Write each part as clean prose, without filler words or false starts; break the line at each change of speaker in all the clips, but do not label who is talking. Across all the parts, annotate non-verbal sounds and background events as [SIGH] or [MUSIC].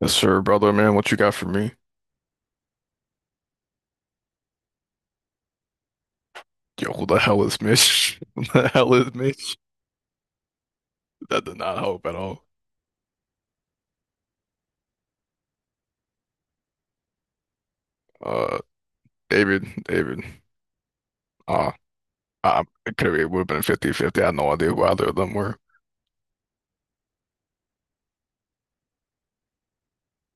Yes, sir, brother, man. What you got for me? Yo, who the hell is Mitch? [LAUGHS] Who the hell is Mitch? That did not help at all. Uh, David, David. Uh, it could have it would have been 50-50. I had no idea who either of them were.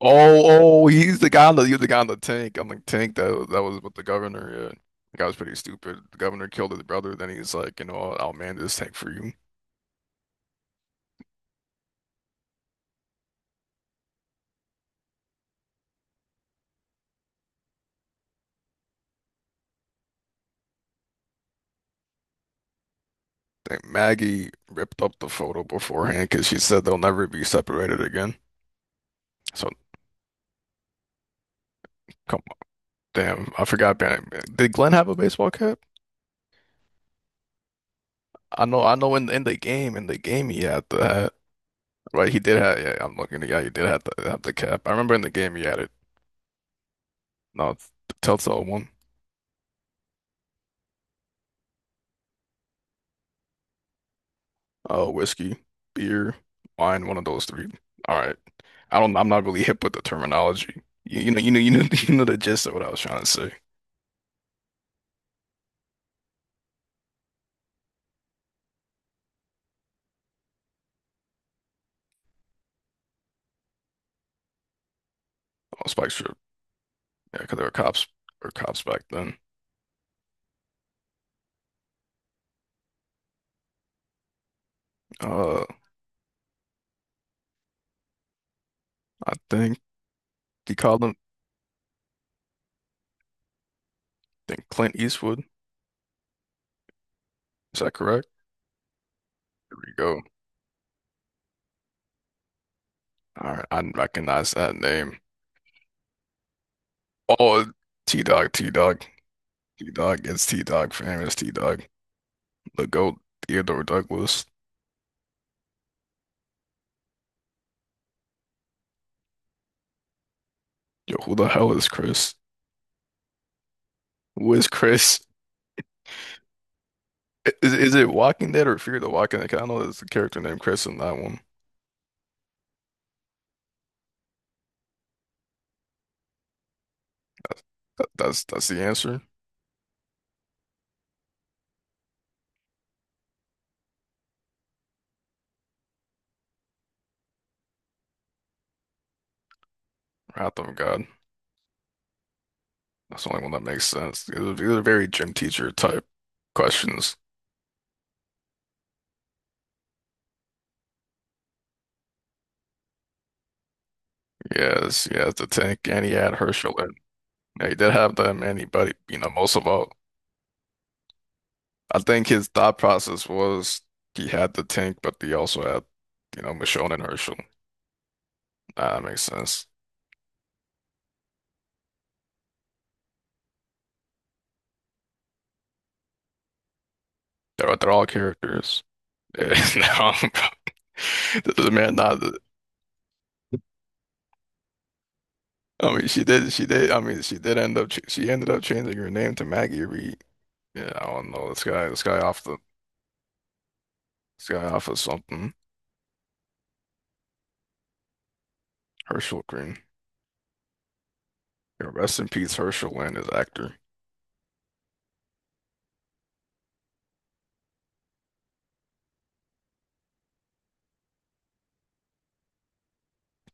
Oh, oh, he's the guy on he's the guy on the tank. On the tank that was with the governor. Yeah, the guy was pretty stupid. The governor killed his brother. Then he's like, you know, I'll man this tank for you. Think Maggie ripped up the photo beforehand because she said they'll never be separated again. So. Come. Damn, I forgot. Baron- Did Glenn have a baseball cap? I know, I know. In the game, in the game, he had the hat. Right, he did have. Yeah, I'm looking. Yeah, he did have the cap. I remember in the game he had it. No, it's the Telltale one. Oh, whiskey, beer, wine. One of those three. All right. I don't. I'm not really hip with the terminology. You know. You know. You know. [LAUGHS] You know the gist of what I was trying to say. Oh, Spike Strip. Yeah, because there were cops or cops back then. Uh, I think he called him. I think Clint Eastwood. Is that correct? There we go. All right, I recognize that name. Oh, T-Dog, T-Dog, T-Dog. It's T-Dog, famous T-Dog. The GOAT, Theodore Douglas. Yo, who the hell is Chris? Who is Chris? I- Is it Walking Dead or Fear the Walking Dead? 'Cause I know there's a character named Chris in that one. That's the answer. Wrath of God. That's the only one that makes sense. These are very gym teacher type questions. Yes, yes, the tank, and he had Herschel in. Yeah, he did have them, and he, you know, most of all. I think his thought process was he had the tank, but he also had, you know, Michonne and Herschel. Ah, that makes sense. They're all characters. Yeah, [LAUGHS] no, [LAUGHS] this is man. Not. I mean, she did. She did. I mean, she did end up. Ch- She ended up changing her name to Maggie Reed. Yeah, I don't know this guy. This guy off the. This guy off of something. Herschel Green. Yeah, rest in peace, Herschel and his actor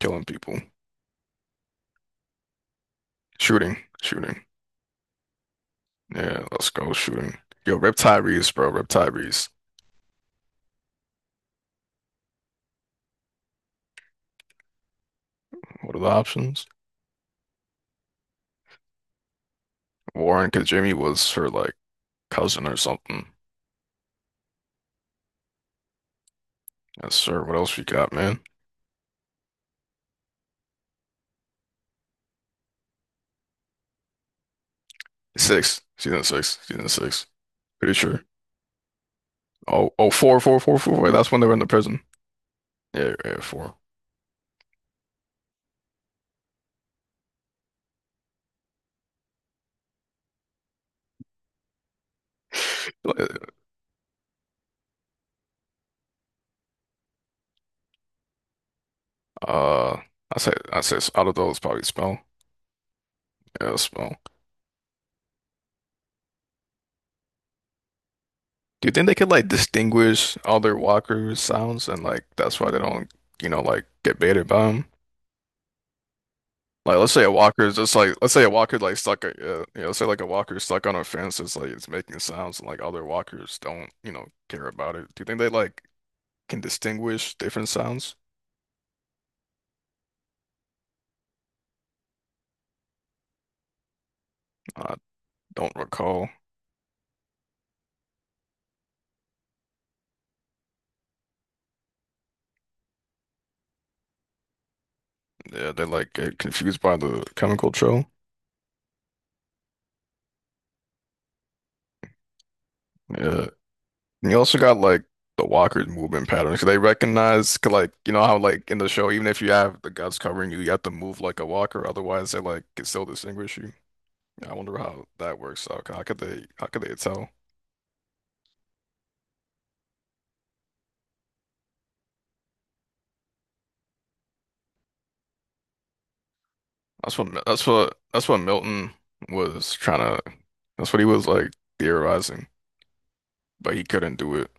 killing people, shooting, shooting. Yeah, let's go shooting. Yo, Rip Reeves, bro. Rip Reeves. What are the options? Warren, because Jamie was her like cousin or something. Yes, sir. What else we got, man? Six. Season six. Season six. Pretty sure. Oh, oh, four, four, four, four. Wait, that's when they were in the prison. Yeah, yeah, four. [LAUGHS] Uh, I say, out of those, probably smell. Yeah, smell. Do you think they could like distinguish other walkers' sounds and like that's why they don't, you know, like get baited by them? Like let's say a walker is just like let's say a walker like stuck a yeah, you know let's say like a walker is stuck on a fence it's like it's making sounds and like other walkers don't you know care about it. Do you think they like can distinguish different sounds? I don't recall. Yeah, they like get confused by the chemical trail. Yeah, and you also got like the walker's movement patterns. 'Cause they recognize 'cause, like you know how like in the show even if you have the guts covering you you have to move like a walker otherwise they like can still distinguish you. Yeah, I wonder how that works out. How could they tell? That's what Milton was trying to. That's what he was like theorizing, but he couldn't do it.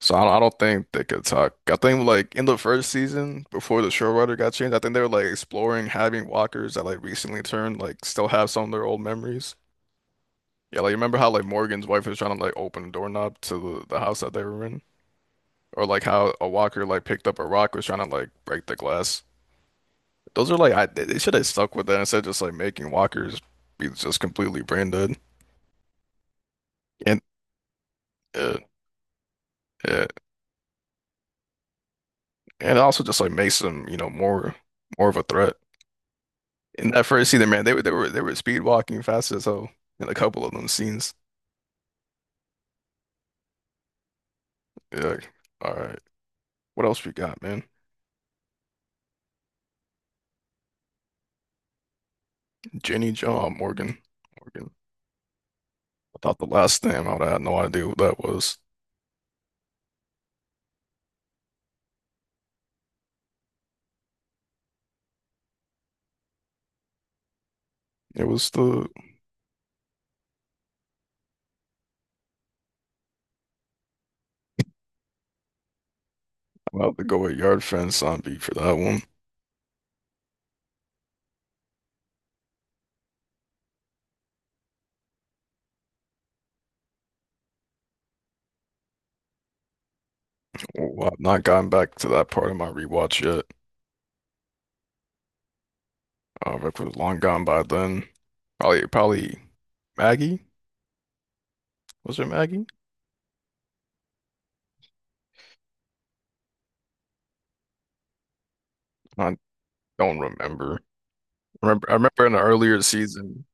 I don't think they could talk. I think like in the first season, before the showrunner got changed, I think they were like exploring having walkers that like recently turned like still have some of their old memories. Yeah, like remember how like Morgan's wife was trying to like open a doorknob to the house that they were in, or like how a walker like picked up a rock was trying to like break the glass. Those are like I, they should have stuck with that instead of just like making walkers be just completely brand dead. and uh, uh, and also just like makes them, you know, more of a threat. In that first scene, man, they were speed walking fast as hell in a couple of them scenes. Yeah, like, all right, what else we got, man? Jenny John Morgan. I thought the last name, I would have no idea what that was. It was the I'm about to go at yard fence zombie for that one. Well, I've not gotten back to that part of my rewatch yet. If it was long gone by then, probably Maggie. Was it Maggie? I don't remember. I remember in the earlier season,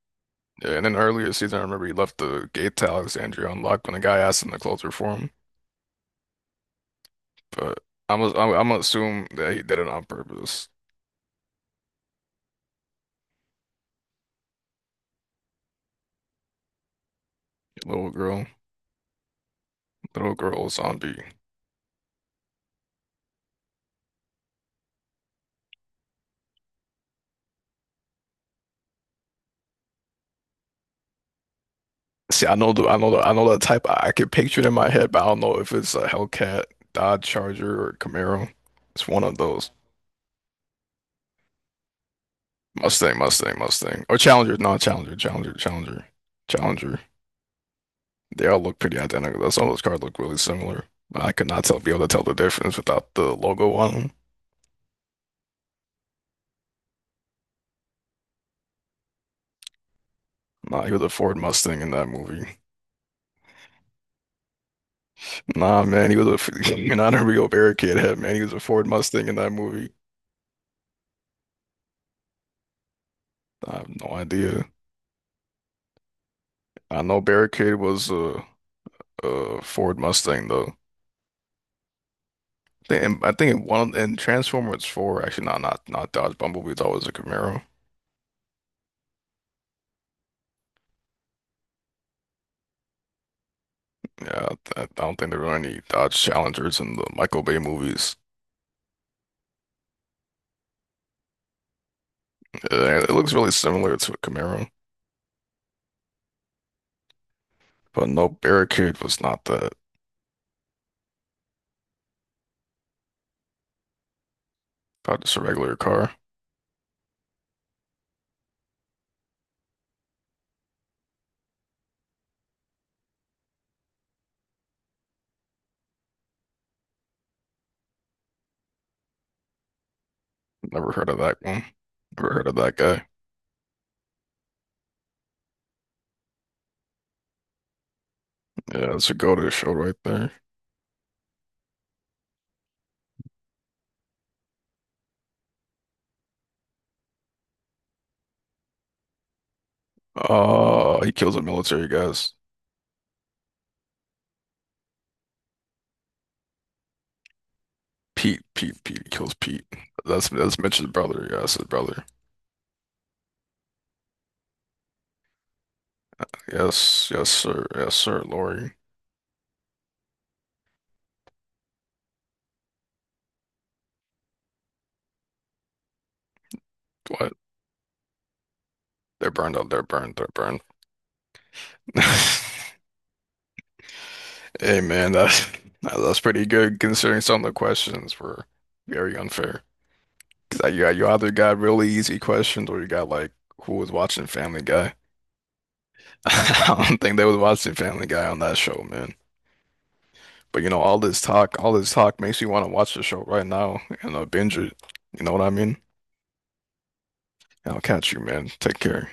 yeah, in an earlier season, I remember he left the gate to Alexandria unlocked when the guy asked him to close it for him. But I'm gonna assume that he did it on purpose. Little girl, little girl zombie. See, I know the type. I could picture it in my head, but I don't know if it's a Hellcat, Dodge Charger, or Camaro. It's one of those. Mustang, Mustang, Mustang, or Challenger. No, Challenger. They all look pretty identical. Though. Some of those cards look really similar. I could not tell be able to tell the difference without the logo on them. Nah, he was a Ford Mustang in that movie. Nah, man, he was a [LAUGHS] you're not a real Barricade head, man. He was a Ford Mustang in that movie. I have no idea. I know Barricade was a Ford Mustang though. I think in one in Transformers 4, actually, not Dodge Bumblebee. That was a Camaro. Yeah, I don't think there were any Dodge Challengers in the Michael Bay movies. It looks really similar to a Camaro. But no, Barricade was not that. Not just a regular car. Never heard of that one. Never heard of that guy. Yeah, that's a go-to show right there. He kills the military guys. Pete kills Pete. That's Mitch's brother. Yeah, that's his brother. Yes, yes, sir. Yes, sir. Lori. What? They're burned out. They're burned. They're burned. [LAUGHS] Hey, man, that's pretty good considering some of the questions were very unfair. 'Cause, like, you either got really easy questions or you got like who was watching Family Guy. [LAUGHS] I don't think they was watching Family Guy on that show, man. But you know, all this talk makes me want to watch the show right now and binge it. You know what I mean? I'll catch you, man. Take care.